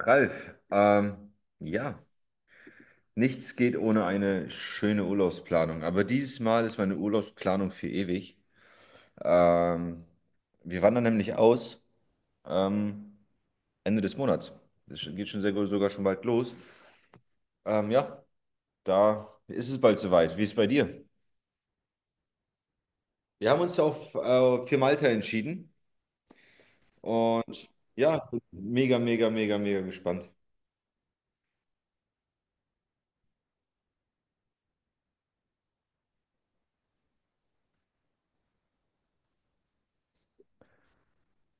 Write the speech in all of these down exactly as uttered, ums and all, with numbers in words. Ralf, ähm, ja, nichts geht ohne eine schöne Urlaubsplanung. Aber dieses Mal ist meine Urlaubsplanung für ewig. Ähm, Wir wandern nämlich aus ähm, Ende des Monats. Das geht schon sehr, sogar schon bald los. Ähm, ja, da ist es bald soweit. Wie ist es bei dir? Wir haben uns ja auf äh, für Malta entschieden und ja, mega, mega, mega, mega gespannt.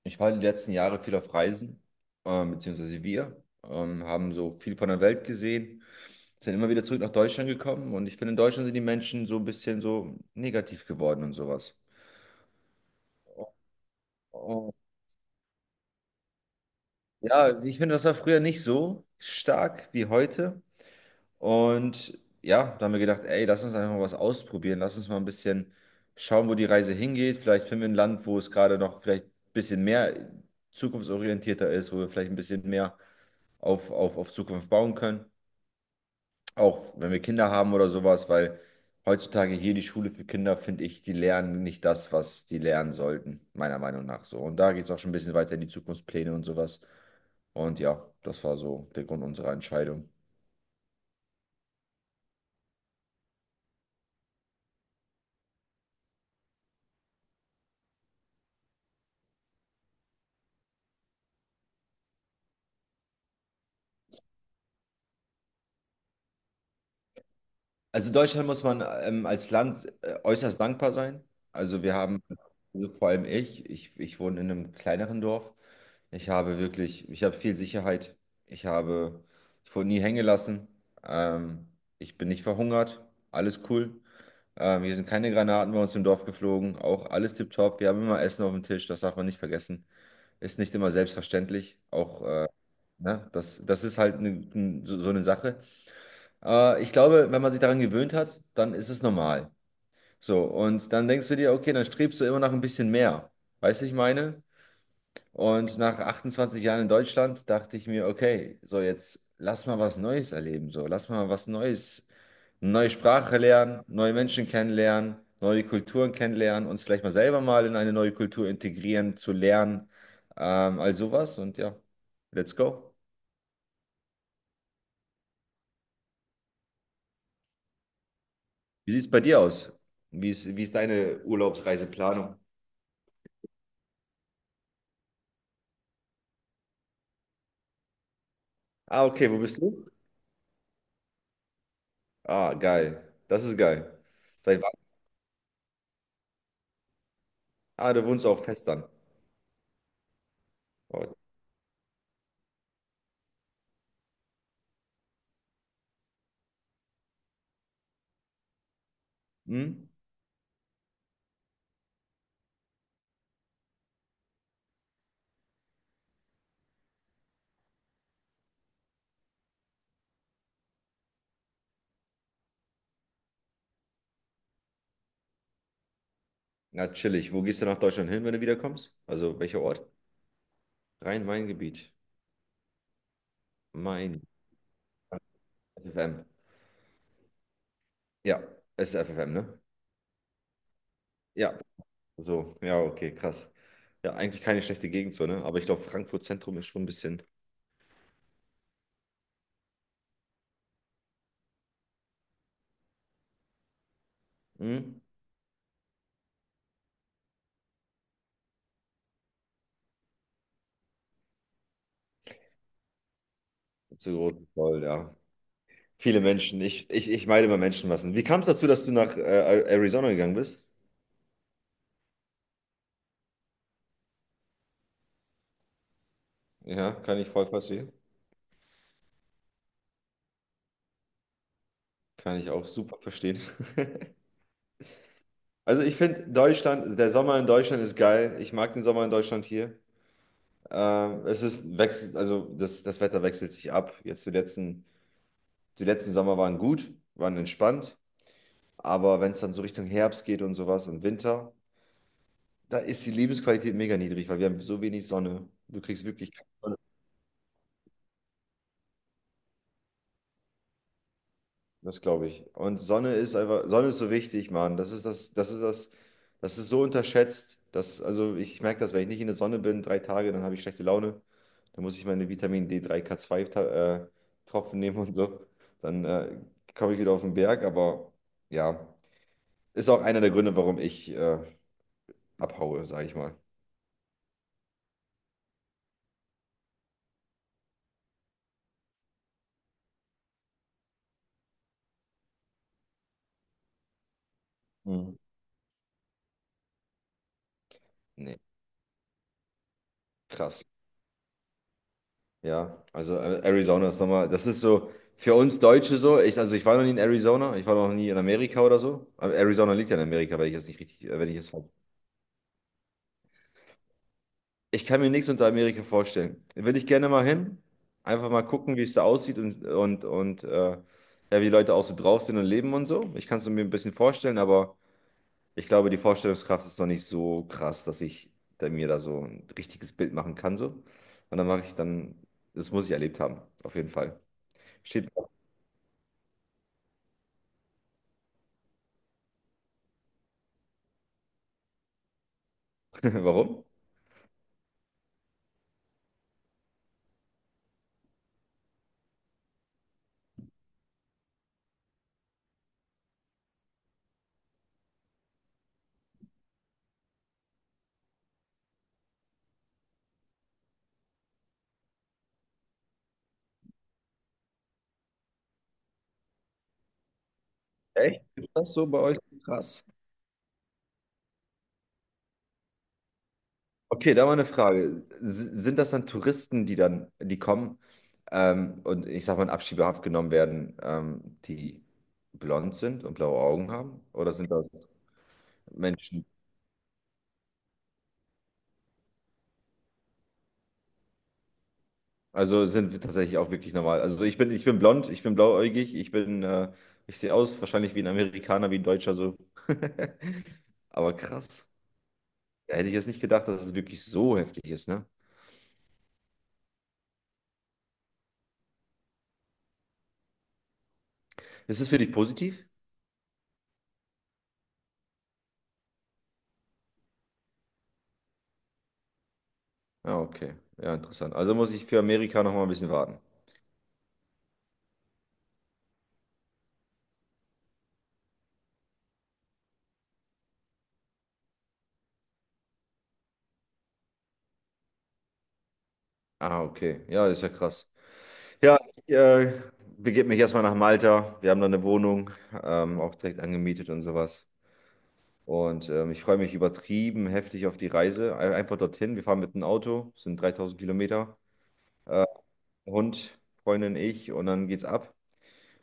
Ich war die letzten Jahre viel auf Reisen, ähm, beziehungsweise wir, ähm, haben so viel von der Welt gesehen, sind immer wieder zurück nach Deutschland gekommen und ich finde, in Deutschland sind die Menschen so ein bisschen so negativ geworden und sowas. Oh, ja, ich finde, das war früher nicht so stark wie heute. Und ja, da haben wir gedacht, ey, lass uns einfach mal was ausprobieren. Lass uns mal ein bisschen schauen, wo die Reise hingeht. Vielleicht finden wir ein Land, wo es gerade noch vielleicht ein bisschen mehr zukunftsorientierter ist, wo wir vielleicht ein bisschen mehr auf, auf, auf Zukunft bauen können. Auch wenn wir Kinder haben oder sowas, weil heutzutage hier die Schule für Kinder, finde ich, die lernen nicht das, was die lernen sollten, meiner Meinung nach so. Und da geht es auch schon ein bisschen weiter in die Zukunftspläne und sowas. Und ja, das war so der Grund unserer Entscheidung. Also Deutschland muss man ähm, als Land äh, äußerst dankbar sein. Also wir haben, also vor allem ich, ich, ich wohne in einem kleineren Dorf. Ich habe wirklich, ich habe viel Sicherheit. Ich habe, ich wurde nie hängen gelassen. Ähm, Ich bin nicht verhungert. Alles cool. Ähm, hier sind keine Granaten bei uns im Dorf geflogen. Auch alles tipptopp. Wir haben immer Essen auf dem Tisch. Das darf man nicht vergessen. Ist nicht immer selbstverständlich. Auch, äh, ne? Das, das ist halt ne- n- so so eine Sache. Äh, ich glaube, wenn man sich daran gewöhnt hat, dann ist es normal. So, und dann denkst du dir, okay, dann strebst du immer nach ein bisschen mehr. Weißt du, ich meine? Und nach achtundzwanzig Jahren in Deutschland dachte ich mir, okay, so jetzt lass mal was Neues erleben. So, lass mal was Neues, eine neue Sprache lernen, neue Menschen kennenlernen, neue Kulturen kennenlernen, uns vielleicht mal selber mal in eine neue Kultur integrieren, zu lernen, ähm, all sowas. Und ja, let's go. Wie sieht es bei dir aus? Wie ist, wie ist deine Urlaubsreiseplanung? Ah, okay, wo bist du? Ah, geil. Das ist geil. Seit wann? Ah, du wohnst auch fest dann. Oh, hm? Na, chillig. Wo gehst du nach Deutschland hin, wenn du wiederkommst? Also, welcher Ort? Rhein-Main-Gebiet. Main. F F M. Ja, es ist F F M, ne? Ja. So, ja, okay, krass. Ja, eigentlich keine schlechte Gegend so, ne? Aber ich glaube, Frankfurt Zentrum ist schon ein bisschen hm? Zu groß. Voll, ja. Viele Menschen. Ich, ich, ich meide immer Menschenmassen. Wie kam es dazu, dass du nach äh, Arizona gegangen bist? Ja, kann ich voll verstehen. Kann ich auch super verstehen. Also ich finde Deutschland, der Sommer in Deutschland ist geil. Ich mag den Sommer in Deutschland hier. Ähm, es ist wechselt, also das, das Wetter wechselt sich ab. Jetzt die letzten, die letzten Sommer waren gut, waren entspannt. Aber wenn es dann so Richtung Herbst geht und sowas und Winter, da ist die Lebensqualität mega niedrig, weil wir haben so wenig Sonne. Du kriegst wirklich keine. Das glaube ich. Und Sonne ist einfach, Sonne ist so wichtig, Mann. Das ist das, das ist das, das ist so unterschätzt. Das, also ich merke das, wenn ich nicht in der Sonne bin, drei Tage, dann habe ich schlechte Laune. Dann muss ich meine Vitamin D drei, K zwei Ta- äh, Tropfen nehmen und so. Dann äh, komme ich wieder auf den Berg. Aber ja, ist auch einer der Gründe, warum ich äh, abhaue, sage ich mal. Mhm. Nee, krass. Ja, also äh, Arizona ist nochmal, das ist so für uns Deutsche so. Ich, also ich war noch nie in Arizona, ich war noch nie in Amerika oder so. Aber Arizona liegt ja in Amerika, wenn ich es nicht richtig, äh, wenn ich es falsch. Ich kann mir nichts unter Amerika vorstellen. Will ich gerne mal hin, einfach mal gucken, wie es da aussieht und und und äh, ja, wie die Leute auch so drauf sind und leben und so. Ich kann es mir ein bisschen vorstellen, aber ich glaube, die Vorstellungskraft ist noch nicht so krass, dass ich da mir da so ein richtiges Bild machen kann so. Und dann mache ich dann, das muss ich erlebt haben, auf jeden Fall. Steht, warum? Echt? Ist das so bei euch krass? Okay, da mal eine Frage. S- Sind das dann Touristen, die dann, die kommen ähm, und ich sag mal in Abschiebehaft genommen werden, ähm, die blond sind und blaue Augen haben? Oder sind das Menschen? Also sind wir tatsächlich auch wirklich normal. Also ich bin, ich bin blond, ich bin blauäugig, ich bin, äh, ich sehe aus wahrscheinlich wie ein Amerikaner, wie ein Deutscher so. Aber krass. Da hätte ich jetzt nicht gedacht, dass es wirklich so heftig ist, ne? Ist es für dich positiv? Ja, okay. Ja, interessant. Also muss ich für Amerika noch mal ein bisschen warten. Ah, okay. Ja, das ist ja krass. Ja, ich äh, begebe mich erstmal nach Malta. Wir haben da eine Wohnung, ähm, auch direkt angemietet und sowas. Und ähm, ich freue mich übertrieben heftig auf die Reise. Ein- Einfach dorthin. Wir fahren mit dem Auto, sind dreitausend Kilometer. Äh, Hund, Freundin, ich und dann geht's ab.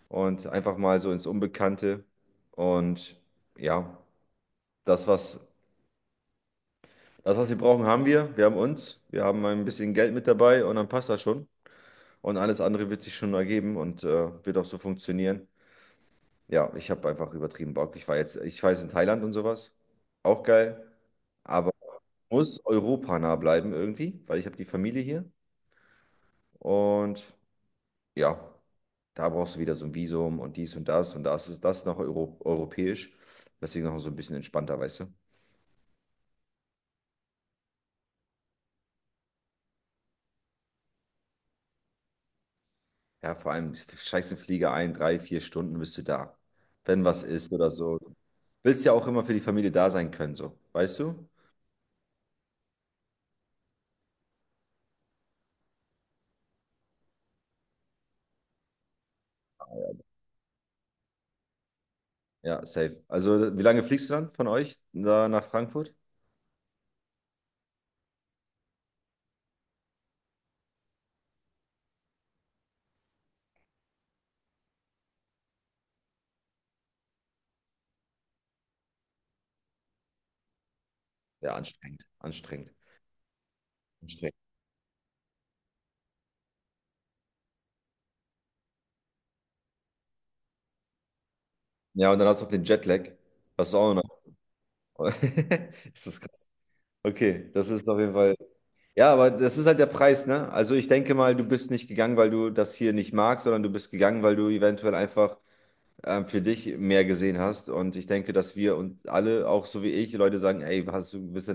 Und einfach mal so ins Unbekannte. Und ja, das, was, das, was wir brauchen, haben wir. Wir haben uns. Wir haben ein bisschen Geld mit dabei und dann passt das schon. Und alles andere wird sich schon ergeben und äh, wird auch so funktionieren. Ja, ich habe einfach übertrieben Bock. Ich war jetzt, ich war jetzt in Thailand und sowas. Auch geil. Aber muss europanah bleiben irgendwie, weil ich habe die Familie hier. Und ja, da brauchst du wieder so ein Visum und dies und das. Und das ist das ist noch Euro europäisch. Deswegen noch so ein bisschen entspannter, weißt du? Ja, vor allem steigst du Flieger ein, drei, vier Stunden bist du da. Wenn was ist oder so. Willst ja auch immer für die Familie da sein können, so. Weißt du? Ja, safe. Also, wie lange fliegst du dann von euch da nach Frankfurt? Ja, anstrengend. Anstrengend. Anstrengend. Ja, und dann hast du noch den Jetlag. Das ist auch noch. Ist das krass. Okay, das ist auf jeden Fall. Ja, aber das ist halt der Preis, ne? Also, ich denke mal, du bist nicht gegangen, weil du das hier nicht magst, sondern du bist gegangen, weil du eventuell einfach ähm, für dich mehr gesehen hast. Und ich denke, dass wir und alle, auch so wie ich, Leute sagen: Ey, hast du, bist du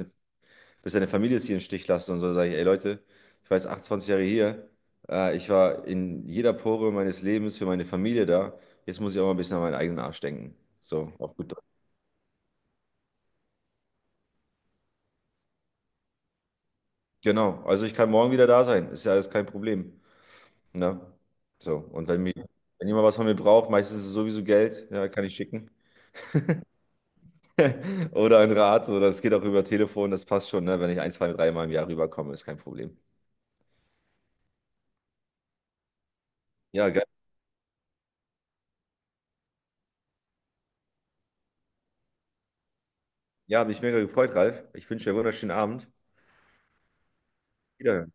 bis deine Familie es hier im Stich lässt und so, dann sage ich, ey Leute, ich war jetzt achtundzwanzig Jahre hier, äh, ich war in jeder Pore meines Lebens für meine Familie da, jetzt muss ich auch mal ein bisschen an meinen eigenen Arsch denken. So, auch gut. Deutsch. Genau, also ich kann morgen wieder da sein, ist ja alles kein Problem. Ne? So, und wenn mir, wenn jemand was von mir braucht, meistens ist es sowieso Geld, ja, kann ich schicken. Oder ein Rat, oder es geht auch über Telefon, das passt schon, ne? Wenn ich ein, zwei, drei Mal im Jahr rüberkomme, ist kein Problem. Ja, geil. Ja, hat mich mega gefreut, Ralf. Ich wünsche dir einen wunderschönen Abend. Wieder.